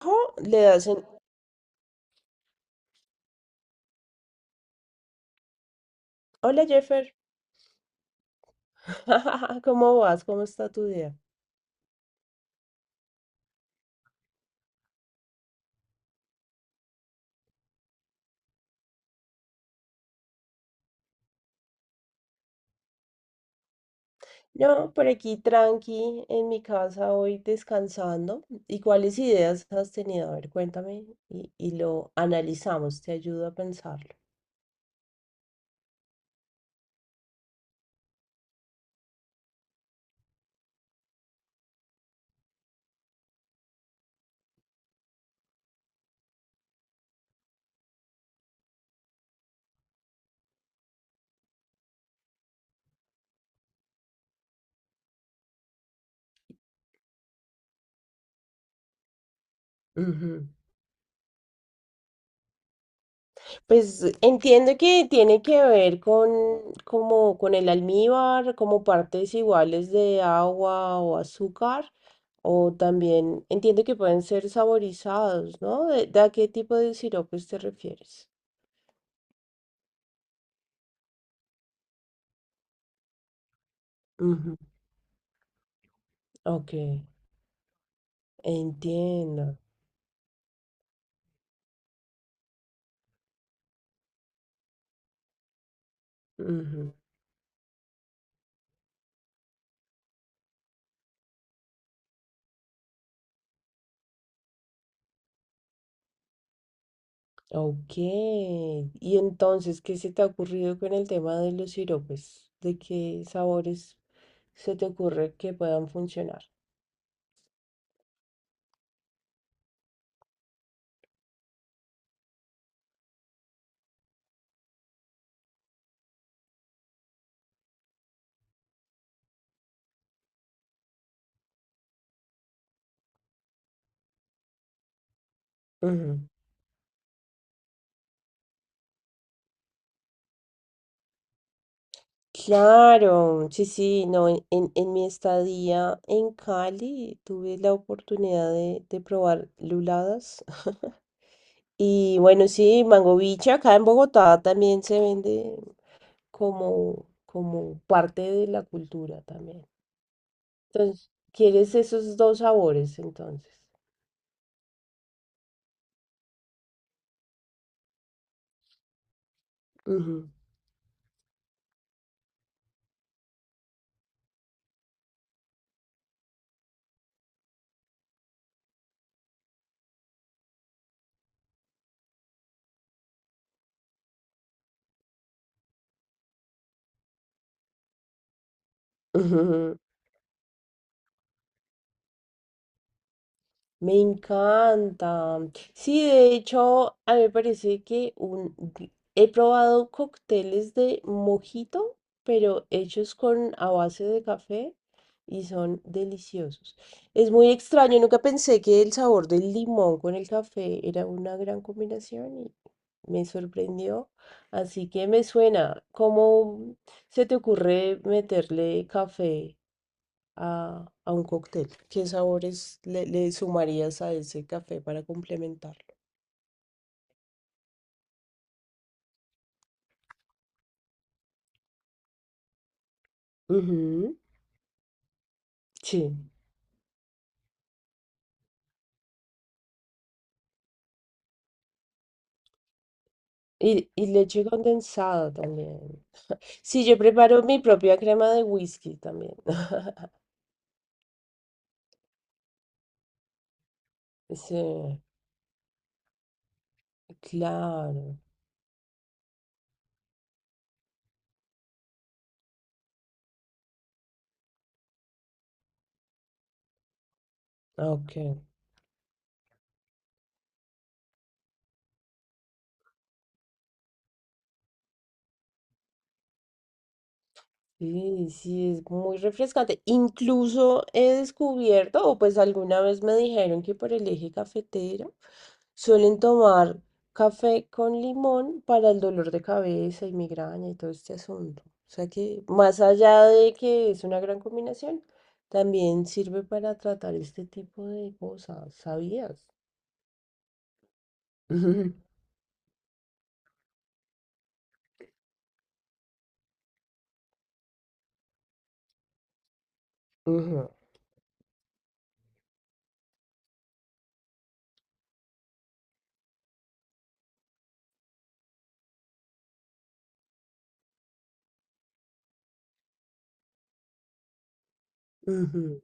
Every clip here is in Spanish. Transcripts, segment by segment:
Trabajo, le hacen, hola Jeffer. ¿Cómo vas? ¿Cómo está tu día? No, por aquí tranqui, en mi casa hoy descansando. ¿Y cuáles ideas has tenido? A ver, cuéntame y lo analizamos, te ayudo a pensarlo. Ujú. Pues entiendo que tiene que ver con, como con el almíbar, como partes iguales de agua o azúcar, o también entiendo que pueden ser saborizados, ¿no? ¿De a qué tipo de siropes te refieres? Ujú, ok, entiendo. Ujú, ok, y entonces, ¿qué se te ha ocurrido con el tema de los siropes? ¿De qué sabores se te ocurre que puedan funcionar? Ujú. Claro, sí, sí, no, en mi estadía en Cali tuve la oportunidad de probar luladas. Y bueno, sí, mangoviche acá en Bogotá también se vende como, como parte de la cultura también. Entonces, ¿quieres esos dos sabores entonces? Ujú. Ujú. Me encanta. Sí, de hecho, a mí me parece que un... he probado cócteles de mojito, pero hechos con a base de café y son deliciosos. Es muy extraño, nunca pensé que el sabor del limón con el café era una gran combinación y me sorprendió. Así que me suena, ¿cómo se te ocurre meterle café a un cóctel? ¿Qué sabores le sumarías a ese café para complementarlo? Ujú, sí. Y leche condensada también. Sí, yo preparo mi propia crema de whisky también. Sí, claro. Ah, ok. Sí, sí, es muy refrescante. Incluso he descubierto, o pues alguna vez me dijeron que por el eje cafetero suelen tomar café con limón para el dolor de cabeza y migraña y todo este asunto. O sea que más allá de que es una gran combinación, también sirve para tratar este tipo de cosas. ¿Sabías? Ujú, ujú.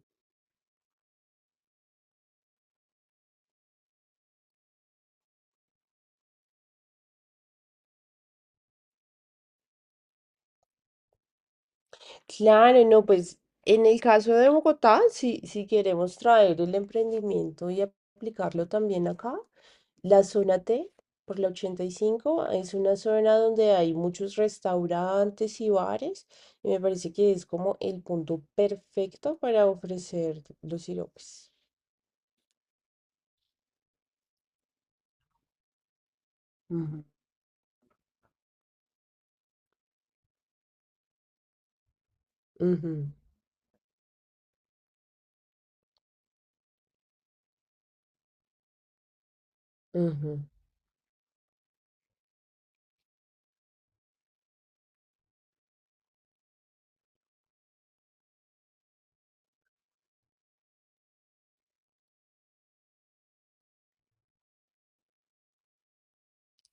Claro, no, pues en el caso de Bogotá, si, si queremos traer el emprendimiento y aplicarlo también acá, la zona T por la 85 es una zona donde hay muchos restaurantes y bares y me parece que es como el punto perfecto para ofrecer los siropes. Ujú. Ujú, ujú.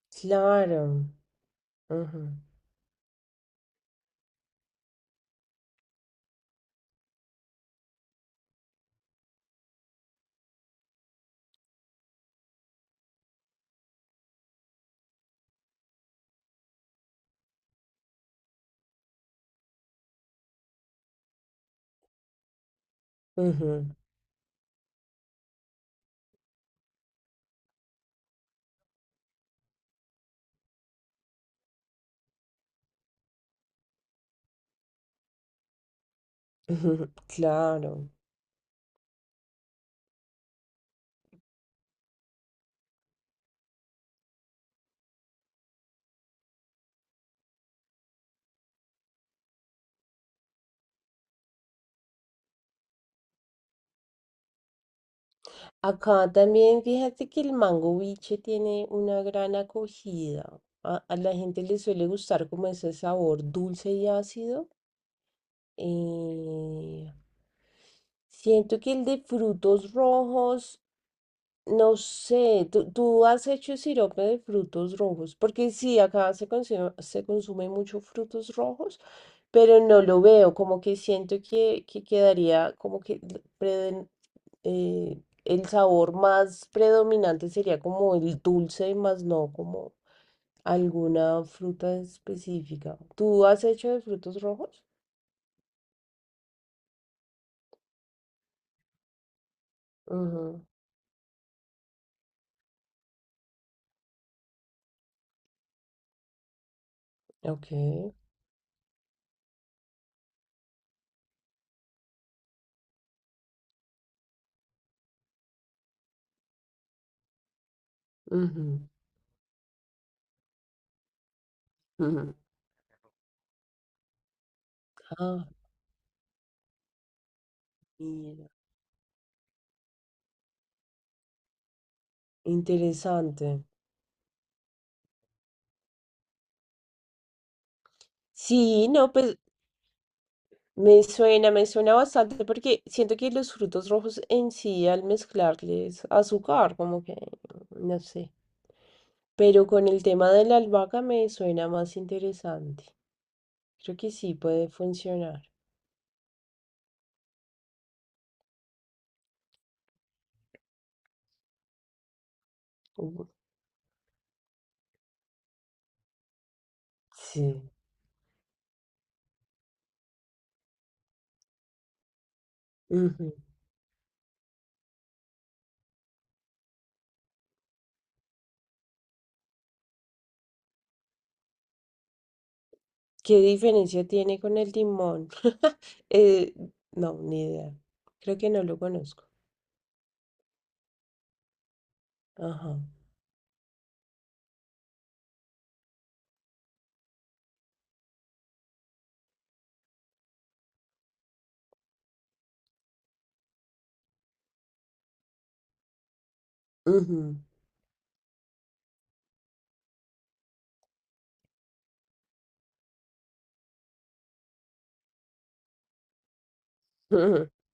Claro. Ujú, ujú, ujú. Claro. Acá también fíjate que el mango biche tiene una gran acogida. A la gente le suele gustar como ese sabor dulce y ácido. Eh, siento que el de frutos rojos no sé, ¿tú, tú has hecho sirope de frutos rojos? Porque sí, acá se consume mucho frutos rojos, pero no lo veo, como que siento que quedaría, como que l- preden- el sabor más predominante sería como el dulce, más no como alguna fruta específica. ¿Tú has hecho de frutos rojos? Ujú, ok. Ujú, ujú. Ah, mira, interesante. Sí, no, pues me suena bastante porque siento que los frutos rojos en sí al mezclarles azúcar, como que, no sé. Pero con el tema de la albahaca me suena más interesante. Creo que sí puede funcionar. Ujú. Sí. Ujú. ¿Qué diferencia tiene con el limón? Eh, no, ni idea. Creo que no lo conozco. Ajá. Ujú.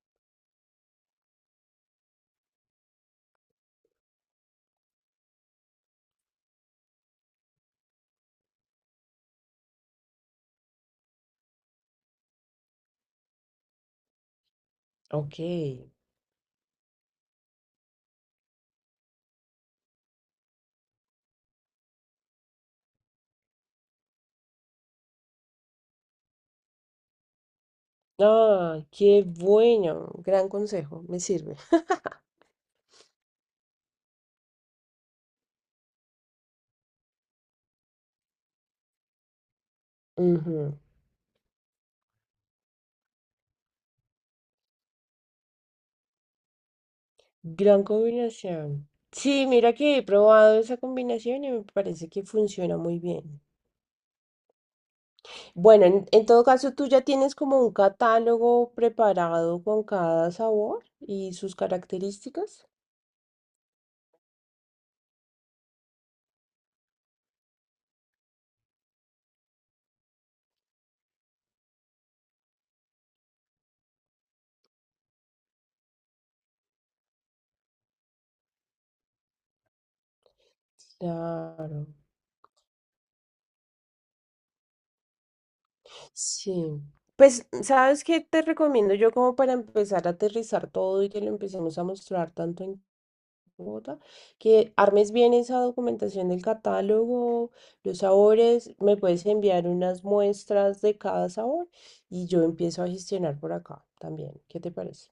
Ok. Ah, qué bueno. Gran consejo. Me sirve. Ujú. Gran combinación. Sí, mira que he probado esa combinación y me parece que funciona muy bien. Bueno, en todo caso, tú ya tienes como un catálogo preparado con cada sabor y sus características. Claro. Sí. Pues, ¿sabes qué te recomiendo yo como para empezar a aterrizar todo y que lo empecemos a mostrar tanto en Bogotá, que armes bien esa documentación del catálogo, los sabores, me puedes enviar unas muestras de cada sabor y yo empiezo a gestionar por acá también? ¿Qué te parece?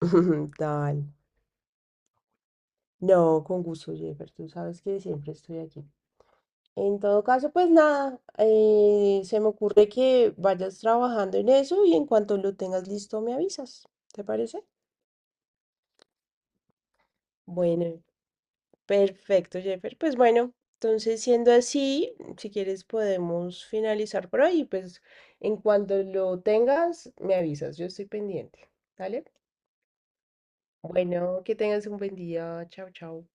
Dale. No, con gusto, Jennifer, tú sabes que siempre estoy aquí. En todo caso, pues nada, se me ocurre que vayas trabajando en eso y en cuanto lo tengas listo me avisas. ¿Te parece? Bueno, perfecto, Jeffer. Pues bueno, entonces siendo así, si quieres podemos finalizar por hoy. Pues en cuanto lo tengas, me avisas. Yo estoy pendiente. ¿Vale? Bueno, que tengas un buen día. Chao, chao.